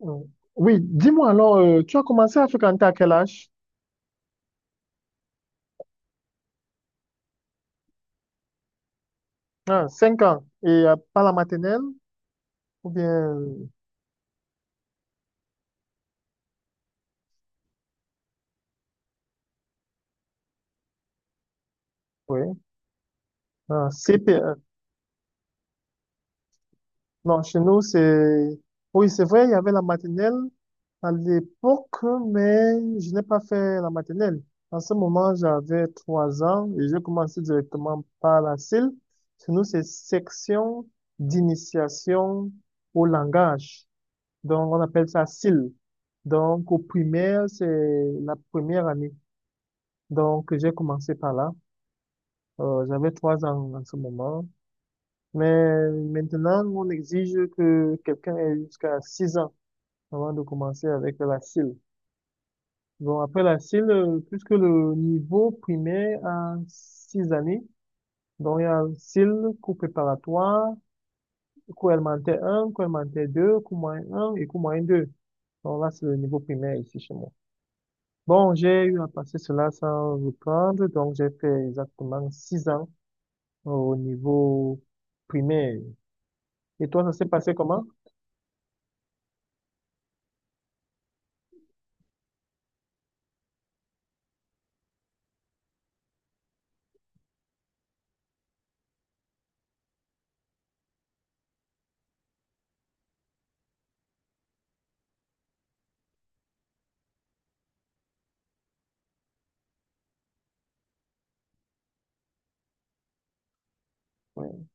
Mm. Oui, dis-moi alors, tu as commencé à fréquenter à quel âge? Ah, 5 ans. Et pas la maternelle? Ou bien, oui, ah, CP. Non, chez nous, c'est... Oui, c'est vrai, il y avait la maternelle à l'époque, mais je n'ai pas fait la maternelle. En ce moment, j'avais 3 ans et j'ai commencé directement par la CIL. Chez nous, c'est section d'initiation au langage. Donc, on appelle ça SIL. Donc, au primaire, c'est la première année. Donc, j'ai commencé par là. J'avais trois ans en ce moment. Mais maintenant, on exige que quelqu'un ait jusqu'à six ans avant de commencer avec la SIL. Bon, après la SIL, puisque le niveau primaire a six années, donc il y a SIL, cours préparatoire, cours élémentaire un, cours élémentaire deux, cours moyen un et cours moyen deux. Donc là, c'est le niveau primaire ici chez moi. Bon, j'ai eu à passer cela sans reprendre, donc j'ai fait exactement six ans au niveau primaire. Et toi, ça s'est passé comment? Oui,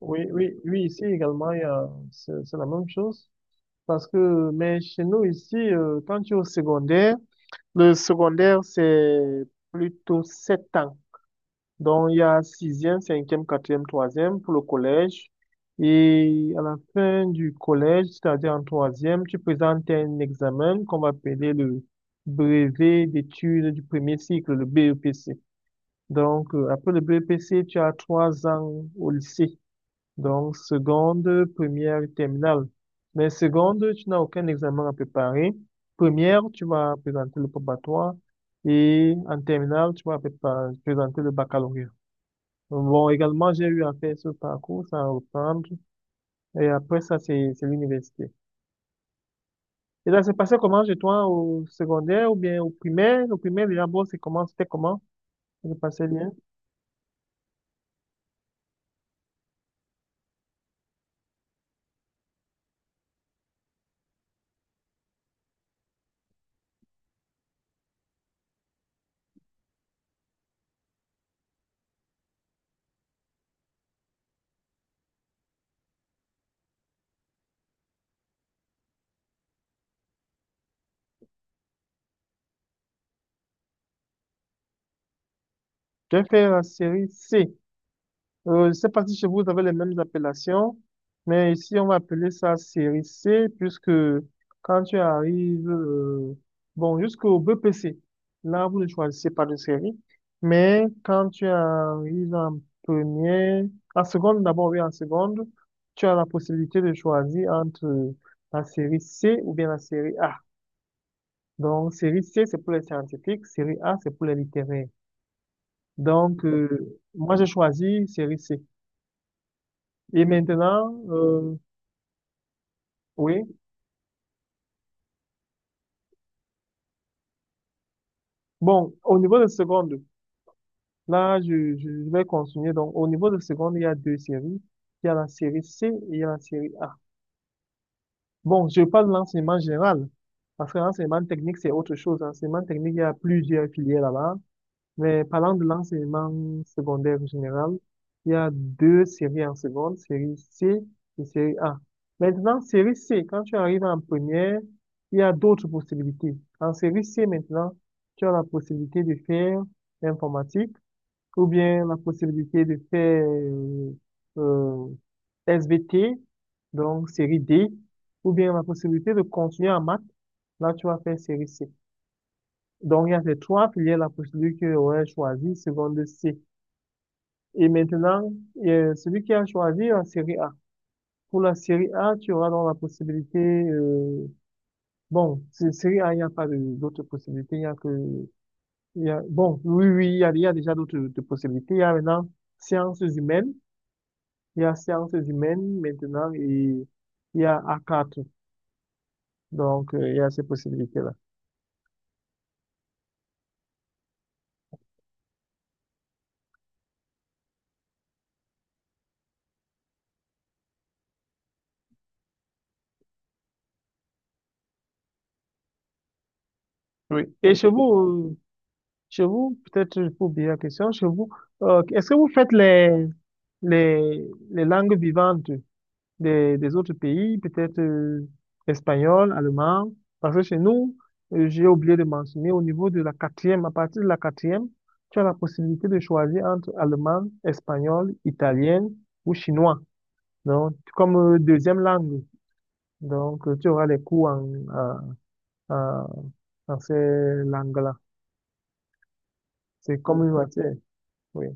oui, ici également, c'est la même chose. Mais chez nous ici, quand tu es au secondaire, le secondaire, c'est plutôt sept ans. Donc, il y a sixième, cinquième, quatrième, troisième pour le collège. Et à la fin du collège, c'est-à-dire en troisième, tu présentes un examen qu'on va appeler le brevet d'études du premier cycle, le BEPC. Donc, après le BEPC, tu as trois ans au lycée. Donc, seconde, première et terminale. Mais seconde, tu n'as aucun examen à préparer. Première, tu vas présenter le probatoire. Et en terminale, tu vas présenter le baccalauréat. Bon, également, j'ai eu à faire ce parcours, ça à reprendre. Et après ça, c'est l'université. Et là, c'est passé comment chez toi, au secondaire ou bien au primaire? Au primaire, déjà, bon, c'était comment? Ça se passait bien. Tu as fait la série C. Je ne sais pas si chez vous, vous avez les mêmes appellations, mais ici, on va appeler ça série C, puisque quand tu arrives, bon, jusqu'au BPC, là, vous ne choisissez pas de série, mais quand tu arrives en première, en seconde, d'abord, oui, en seconde, tu as la possibilité de choisir entre la série C ou bien la série A. Donc, série C, c'est pour les scientifiques, série A, c'est pour les littéraires. Donc, moi, j'ai choisi série C. Et maintenant, oui. Bon, au niveau de seconde, là, je vais continuer. Donc, au niveau de seconde, il y a deux séries. Il y a la série C et il y a la série A. Bon, je parle de l'enseignement général. Parce que l'enseignement technique, c'est autre chose. L'enseignement technique, il y a plusieurs filières là-bas. Mais parlant de l'enseignement secondaire en général, il y a deux séries en seconde, série C et série A. Maintenant, série C, quand tu arrives en première, il y a d'autres possibilités. En série C, maintenant, tu as la possibilité de faire informatique ou bien la possibilité de faire euh, SVT, donc série D, ou bien la possibilité de continuer en maths. Là, tu vas faire série C. Donc, il y a ces trois filières, la procédure que aurait choisi, seconde C. Et maintenant, celui qui a choisi la série A. Pour la série A, tu auras donc la possibilité, euh, bon, série A, il n'y a pas de- d'autres possibilités, il n'y a que, il y a, bon, oui, oui, il y a déjà d'autres possibilités. Il y a maintenant sciences humaines, il y a sciences humaines maintenant, et il y a A4. Donc, il y a ces possibilités-là. Oui. Et euh, chez vous, peut-être pour oublier la question, chez vous, est-ce que vous faites les langues vivantes? Des autres pays, peut-être espagnol, allemand. Parce que chez nous, j'ai oublié de mentionner, au niveau de la quatrième, à partir de la quatrième, tu as la possibilité de choisir entre allemand, espagnol, italien ou chinois. Donc, comme deuxième langue. Donc, tu auras les cours en, en ces langues-là. C'est comme une matière. Oui,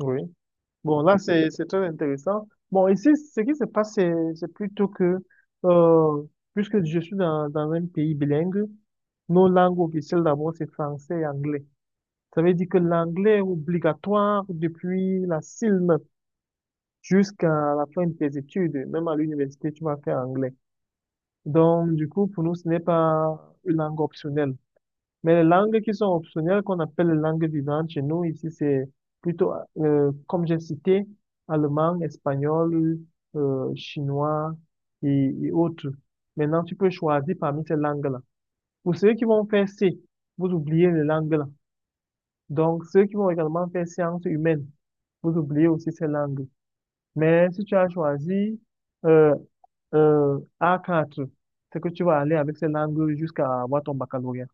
oui. Bon, là, c'est très intéressant. Bon, ici, ce qui se passe, c'est plutôt que, euh, puisque je suis dans un pays bilingue, nos langues officielles d'abord, c'est français et anglais. Ça veut dire que l'anglais est obligatoire depuis la CILM jusqu'à la fin de tes études. Même à l'université, tu vas faire anglais. Donc, du coup, pour nous, ce n'est pas une langue optionnelle. Mais les langues qui sont optionnelles, qu'on appelle les langues vivantes chez nous, ici, c'est plutôt, comme j'ai cité, allemand, espagnol, chinois et autres. Maintenant, tu peux choisir parmi ces langues-là. Pour ceux qui vont faire C, vous oubliez les langues-là. Donc, ceux qui vont également faire sciences humaines, vous oubliez aussi ces langues. Mais si tu as choisi euh, A4, c'est que tu vas aller avec ces langues jusqu'à avoir ton baccalauréat.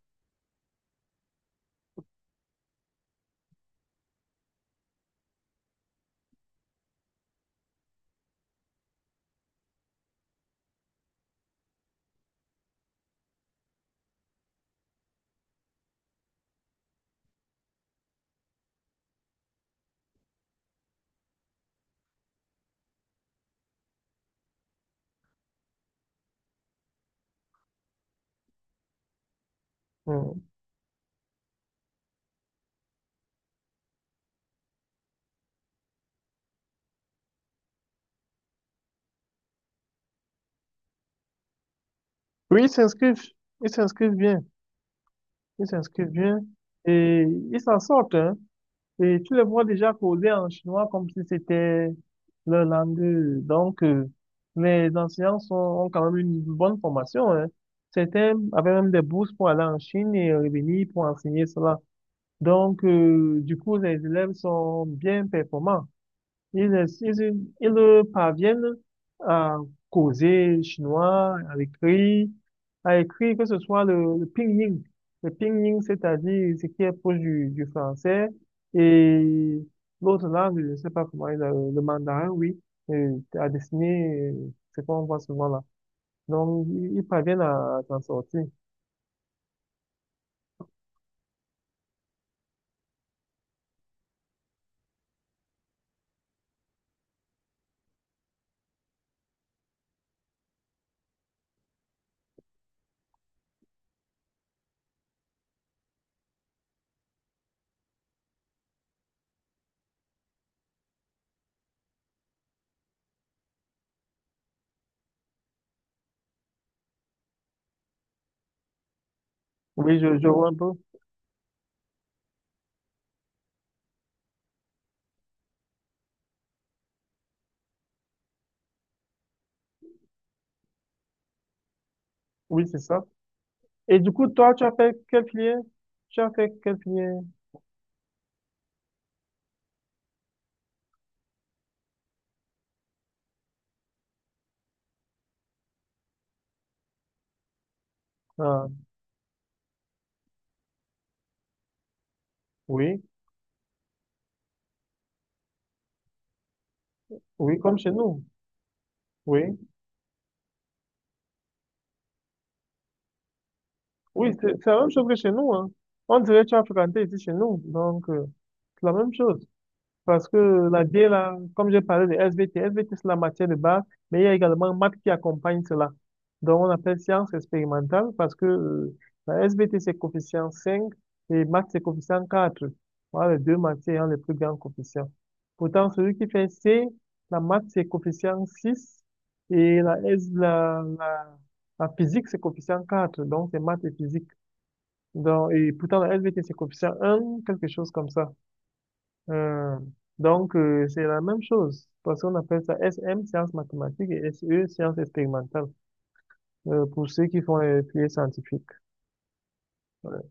Hmm. Oui, ils s'inscrivent. Ils s'inscrivent bien. Ils s'inscrivent bien. Et ils s'en sortent, hein. Et tu les vois déjà causer en chinois comme si c'était leur langue. Donc, les enseignants ont quand même une bonne formation. Hein. Certains avaient même des bourses pour aller en Chine et revenir pour enseigner cela. Donc, du coup, les élèves sont bien performants. Ils, ils parviennent à causer chinois, à écrire que ce soit le pinyin. Le pinyin, c'est-à-dire ce qui est proche du français, et l'autre langue, je ne sais pas comment, le mandarin, oui, à dessiner, c'est qu'on voit souvent là. Donc, ils parviennent à s'en sortir. Oui, je vois un peu. Oui, c'est ça. Et du coup, toi, tu as fait quelle filière? Tu as fait quelle filière? Ah, oui, oui, comme chez nous. Oui, oui, c'est la même chose que chez nous, hein. On dirait que tu as fréquenté ici chez nous, donc c'est la même chose. Parce que la bière, là, comme j'ai parlé de SVT, SVT, c'est la matière de base, mais il y a également maths qui accompagne cela. Donc, on appelle sciences expérimentales parce que la SVT, c'est coefficient 5 et maths, c'est coefficient 4. Voilà les deux matières ayant les plus grands coefficients. Pourtant, celui qui fait C, la maths, c'est coefficient 6 et la, S, la physique, c'est coefficient 4. Donc, c'est maths et physique. Donc, et pourtant, la SVT, c'est coefficient 1, quelque chose comme ça. Euh, donc, c'est la même chose, parce qu'on appelle ça SM, sciences mathématiques, et SE, sciences expérimentales, pour ceux qui font les filières scientifiques. Voilà.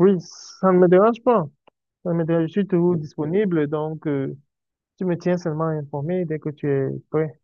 Oui, ça ne me dérange pas. Ça me dérange, je suis toujours disponible, donc tu me tiens seulement informé dès que tu es prêt.